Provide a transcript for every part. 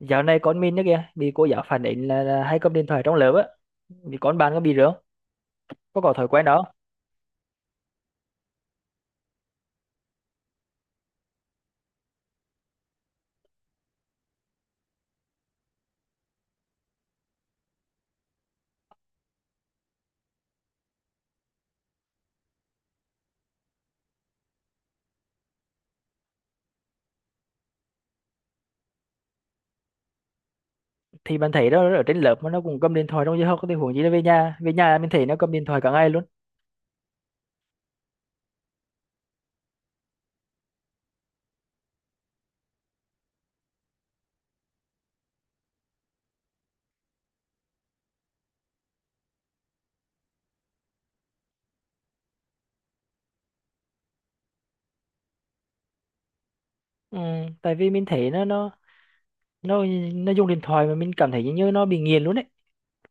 Dạo này con mình đó kìa, bị cô giáo phản ánh là hay cầm điện thoại trong lớp á. Thì con bạn có bị rửa, có thói quen đó. Thì bạn thấy đó ở trên lớp mà nó cũng cầm điện thoại trong giờ học thì huống gì nó về nhà mình thấy nó cầm điện thoại cả ngày luôn. Ừ, tại vì mình thấy nó nó dùng điện thoại mà mình cảm thấy như nó bị nghiện luôn đấy.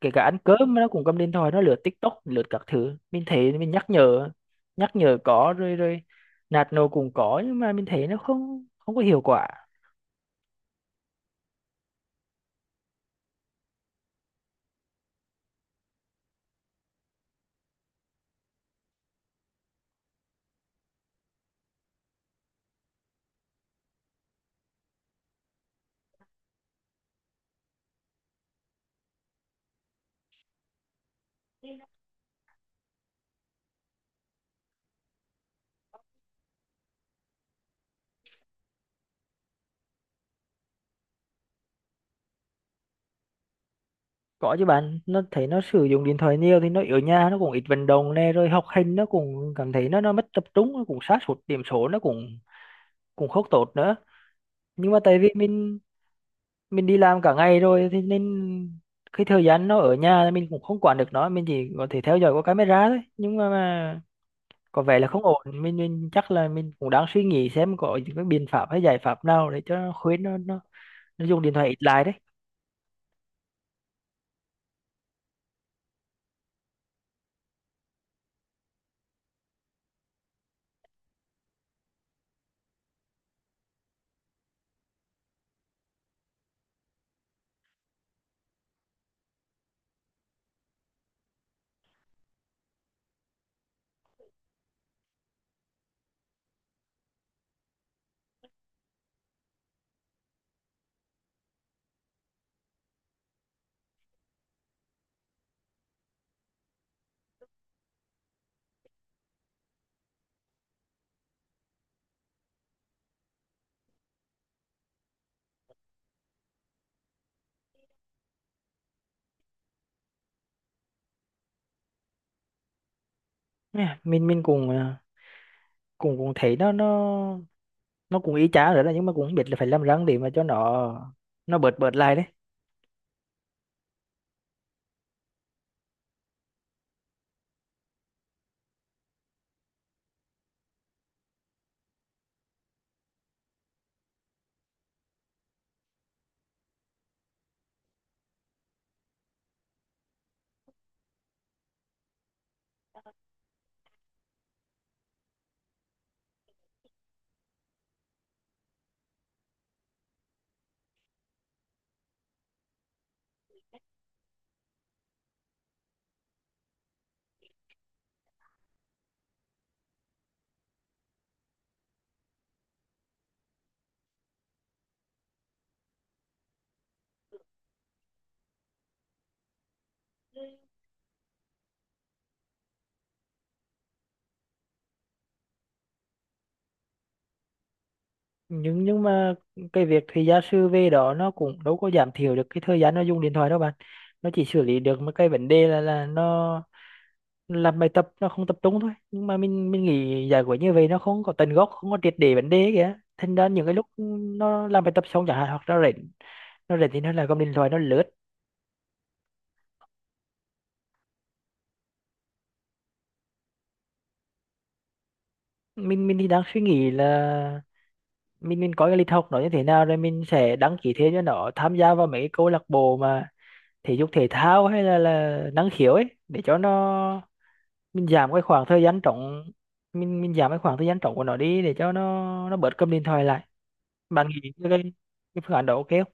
Kể cả ăn cơm nó cũng cầm điện thoại, nó lướt TikTok, lướt các thứ. Mình thấy mình nhắc nhở có rồi rồi nạt nổ cũng có, nhưng mà mình thấy nó không không có hiệu quả. Có chứ bạn, nó thấy nó sử dụng điện thoại nhiều thì nó ở nhà nó cũng ít vận động nè, rồi học hành nó cũng cảm thấy nó mất tập trung, nó cũng sa sút điểm số nó cũng cũng không tốt nữa. Nhưng mà tại vì mình đi làm cả ngày rồi thì nên cái thời gian nó ở nhà thì mình cũng không quản được nó, mình chỉ có thể theo dõi qua camera thôi. Nhưng mà có vẻ là không ổn, mình chắc là mình cũng đang suy nghĩ xem có những cái biện pháp hay giải pháp nào để cho nó khuyến nó dùng điện thoại ít lại đấy. Nè, mình cũng cũng cũng thấy nó cũng y chang rồi đó, nhưng mà cũng không biết là phải làm răng để mà cho nó bớt bớt lại đấy. Nhưng mà cái việc thì gia sư về đó nó cũng đâu có giảm thiểu được cái thời gian nó dùng điện thoại đâu bạn. Nó chỉ xử lý được một cái vấn đề là nó làm bài tập nó không tập trung thôi, nhưng mà mình nghĩ giải quyết như vậy nó không có tận gốc, không có triệt để vấn đề ấy kìa. Thành ra những cái lúc nó làm bài tập xong chẳng hạn, hoặc nó rảnh thì nó lại cầm điện thoại nó lướt. Mình thì đang suy nghĩ là mình có cái lịch học nó như thế nào rồi mình sẽ đăng ký thêm cho nó tham gia vào mấy cái câu lạc bộ mà thể dục thể thao hay là năng khiếu ấy, để cho nó mình giảm cái khoảng thời gian trống, mình giảm cái khoảng thời gian trống của nó đi để cho nó bớt cầm điện thoại lại. Bạn nghĩ cái phương án đó ok không?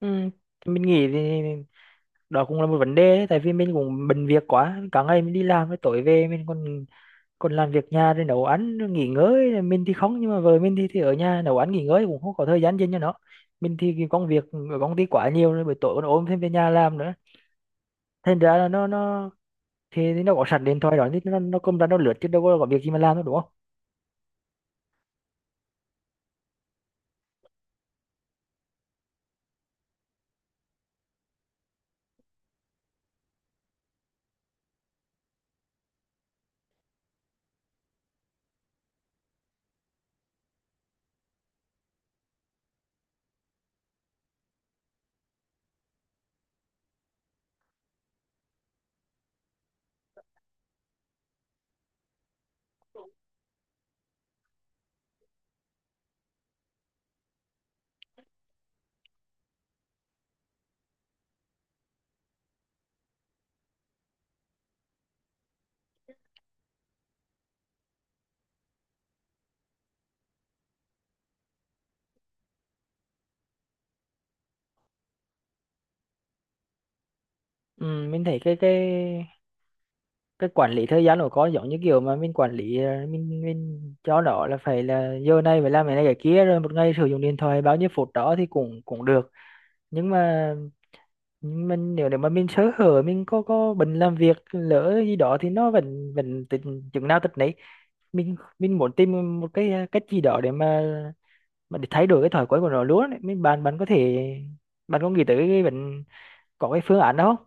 Ừ, thì mình nghĩ thì đó cũng là một vấn đề đấy, tại vì mình cũng bận việc quá, cả ngày mình đi làm với tối về mình còn còn làm việc nhà thì nấu ăn nghỉ ngơi, mình thì không, nhưng mà vợ mình thì ở nhà nấu ăn nghỉ ngơi cũng không có thời gian dành cho nó. Mình thì cái công việc ở công ty quá nhiều rồi, buổi tối còn ôm thêm về nhà làm nữa, thành ra là nó thì nó có sẵn điện thoại đó thì nó cầm ra nó lướt chứ đâu có việc gì mà làm đâu, đúng không? Ừ, mình thấy cái quản lý thời gian của con giống như kiểu mà mình quản lý, mình cho nó là phải là giờ này phải làm cái này cái kia, rồi một ngày sử dụng điện thoại bao nhiêu phút đó thì cũng cũng được. Nhưng mà mình nếu nếu mà mình sơ hở, mình có bận làm việc lỡ gì đó thì nó vẫn vẫn tình chừng nào tật nấy. Mình muốn tìm một cái cách gì đó để mà để thay đổi cái thói quen của nó luôn ấy. Bạn bạn có thể, bạn có nghĩ tới cái bệnh, có cái phương án đó không?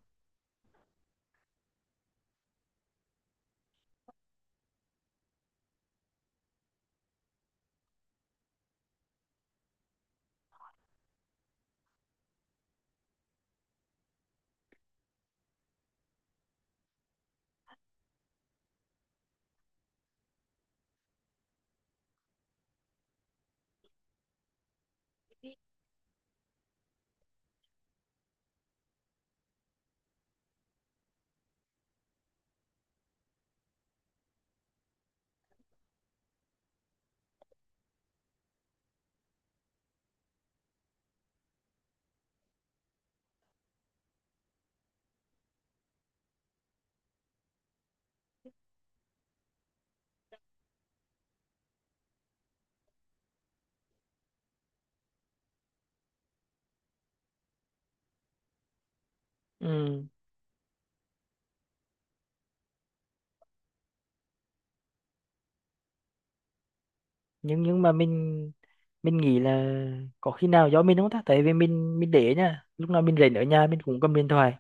Ừ. nhưng mà mình nghĩ là có khi nào do mình không ta, tại vì mình để nha, lúc nào mình rảnh ở nhà mình cũng cầm điện thoại.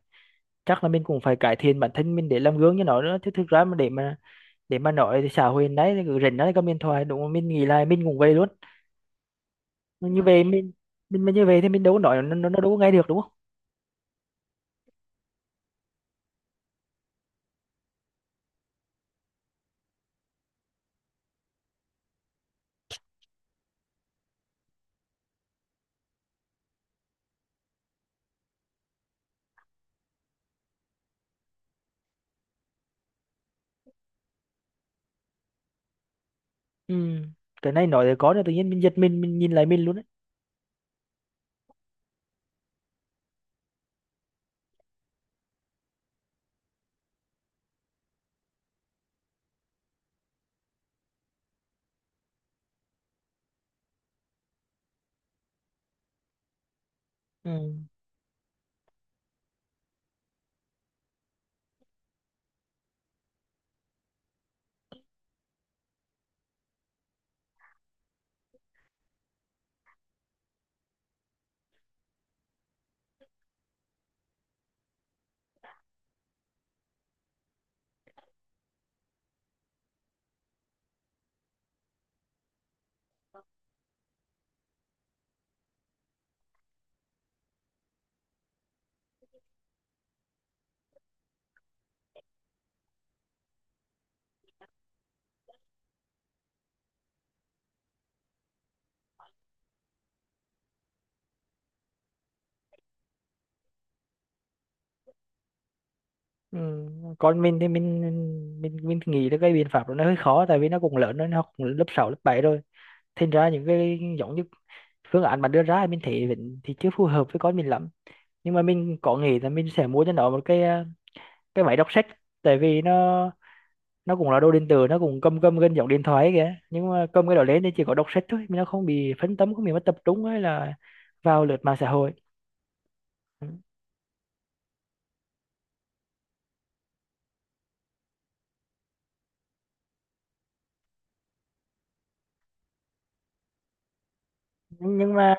Chắc là mình cũng phải cải thiện bản thân mình để làm gương cho nó nữa chứ, thực ra mà để mà nói thì xã hội đấy cứ rảnh đấy cầm điện thoại, đúng không? Mình nghĩ là mình cũng vậy luôn. Như về mình mà như về thì mình đâu có nói nó, nó đâu có nghe được, đúng không? Ừ. Cái này nói thì có rồi tự nhiên mình giật mình nhìn lại mình luôn đấy. Ừ. Ừ. Còn mình thì mình nghĩ là cái biện pháp đó nó hơi khó, tại vì nó cũng lớn rồi, nó cũng lớp 6 lớp 7 rồi. Thành ra những cái giống như phương án mà đưa ra thì mình thấy vẫn thì chưa phù hợp với con mình lắm. Nhưng mà mình có nghĩ là mình sẽ mua cho nó một cái máy đọc sách. Tại vì nó cũng là đôi điện tử, nó cũng cầm cầm gần giống điện thoại ấy kìa, nhưng mà cầm cái đó lên thì chỉ có đọc sách thôi, nó không bị phân tâm, không bị mất tập trung hay là vào lướt mạng xã hội. Ừ. Nhưng mà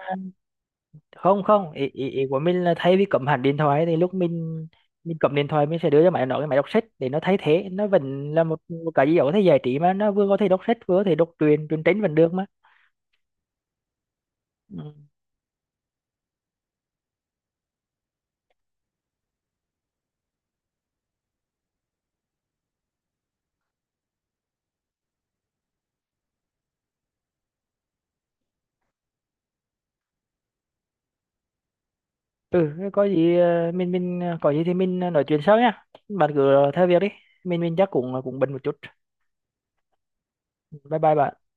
không, không, ý của mình là thay vì cầm hẳn điện thoại thì lúc mình cầm điện thoại, mình sẽ đưa cho máy nó cái máy đọc sách để nó thay thế, nó vẫn là một cái gì đó có thể giải trí, mà nó vừa có thể đọc sách, vừa có thể đọc truyện, truyện tranh vẫn được mà. Ừ, ừ, thế có gì mình có gì thì mình nói chuyện sau nha. Bạn cứ theo việc đi, mình chắc cũng cũng bận một chút. Bye bye bạn.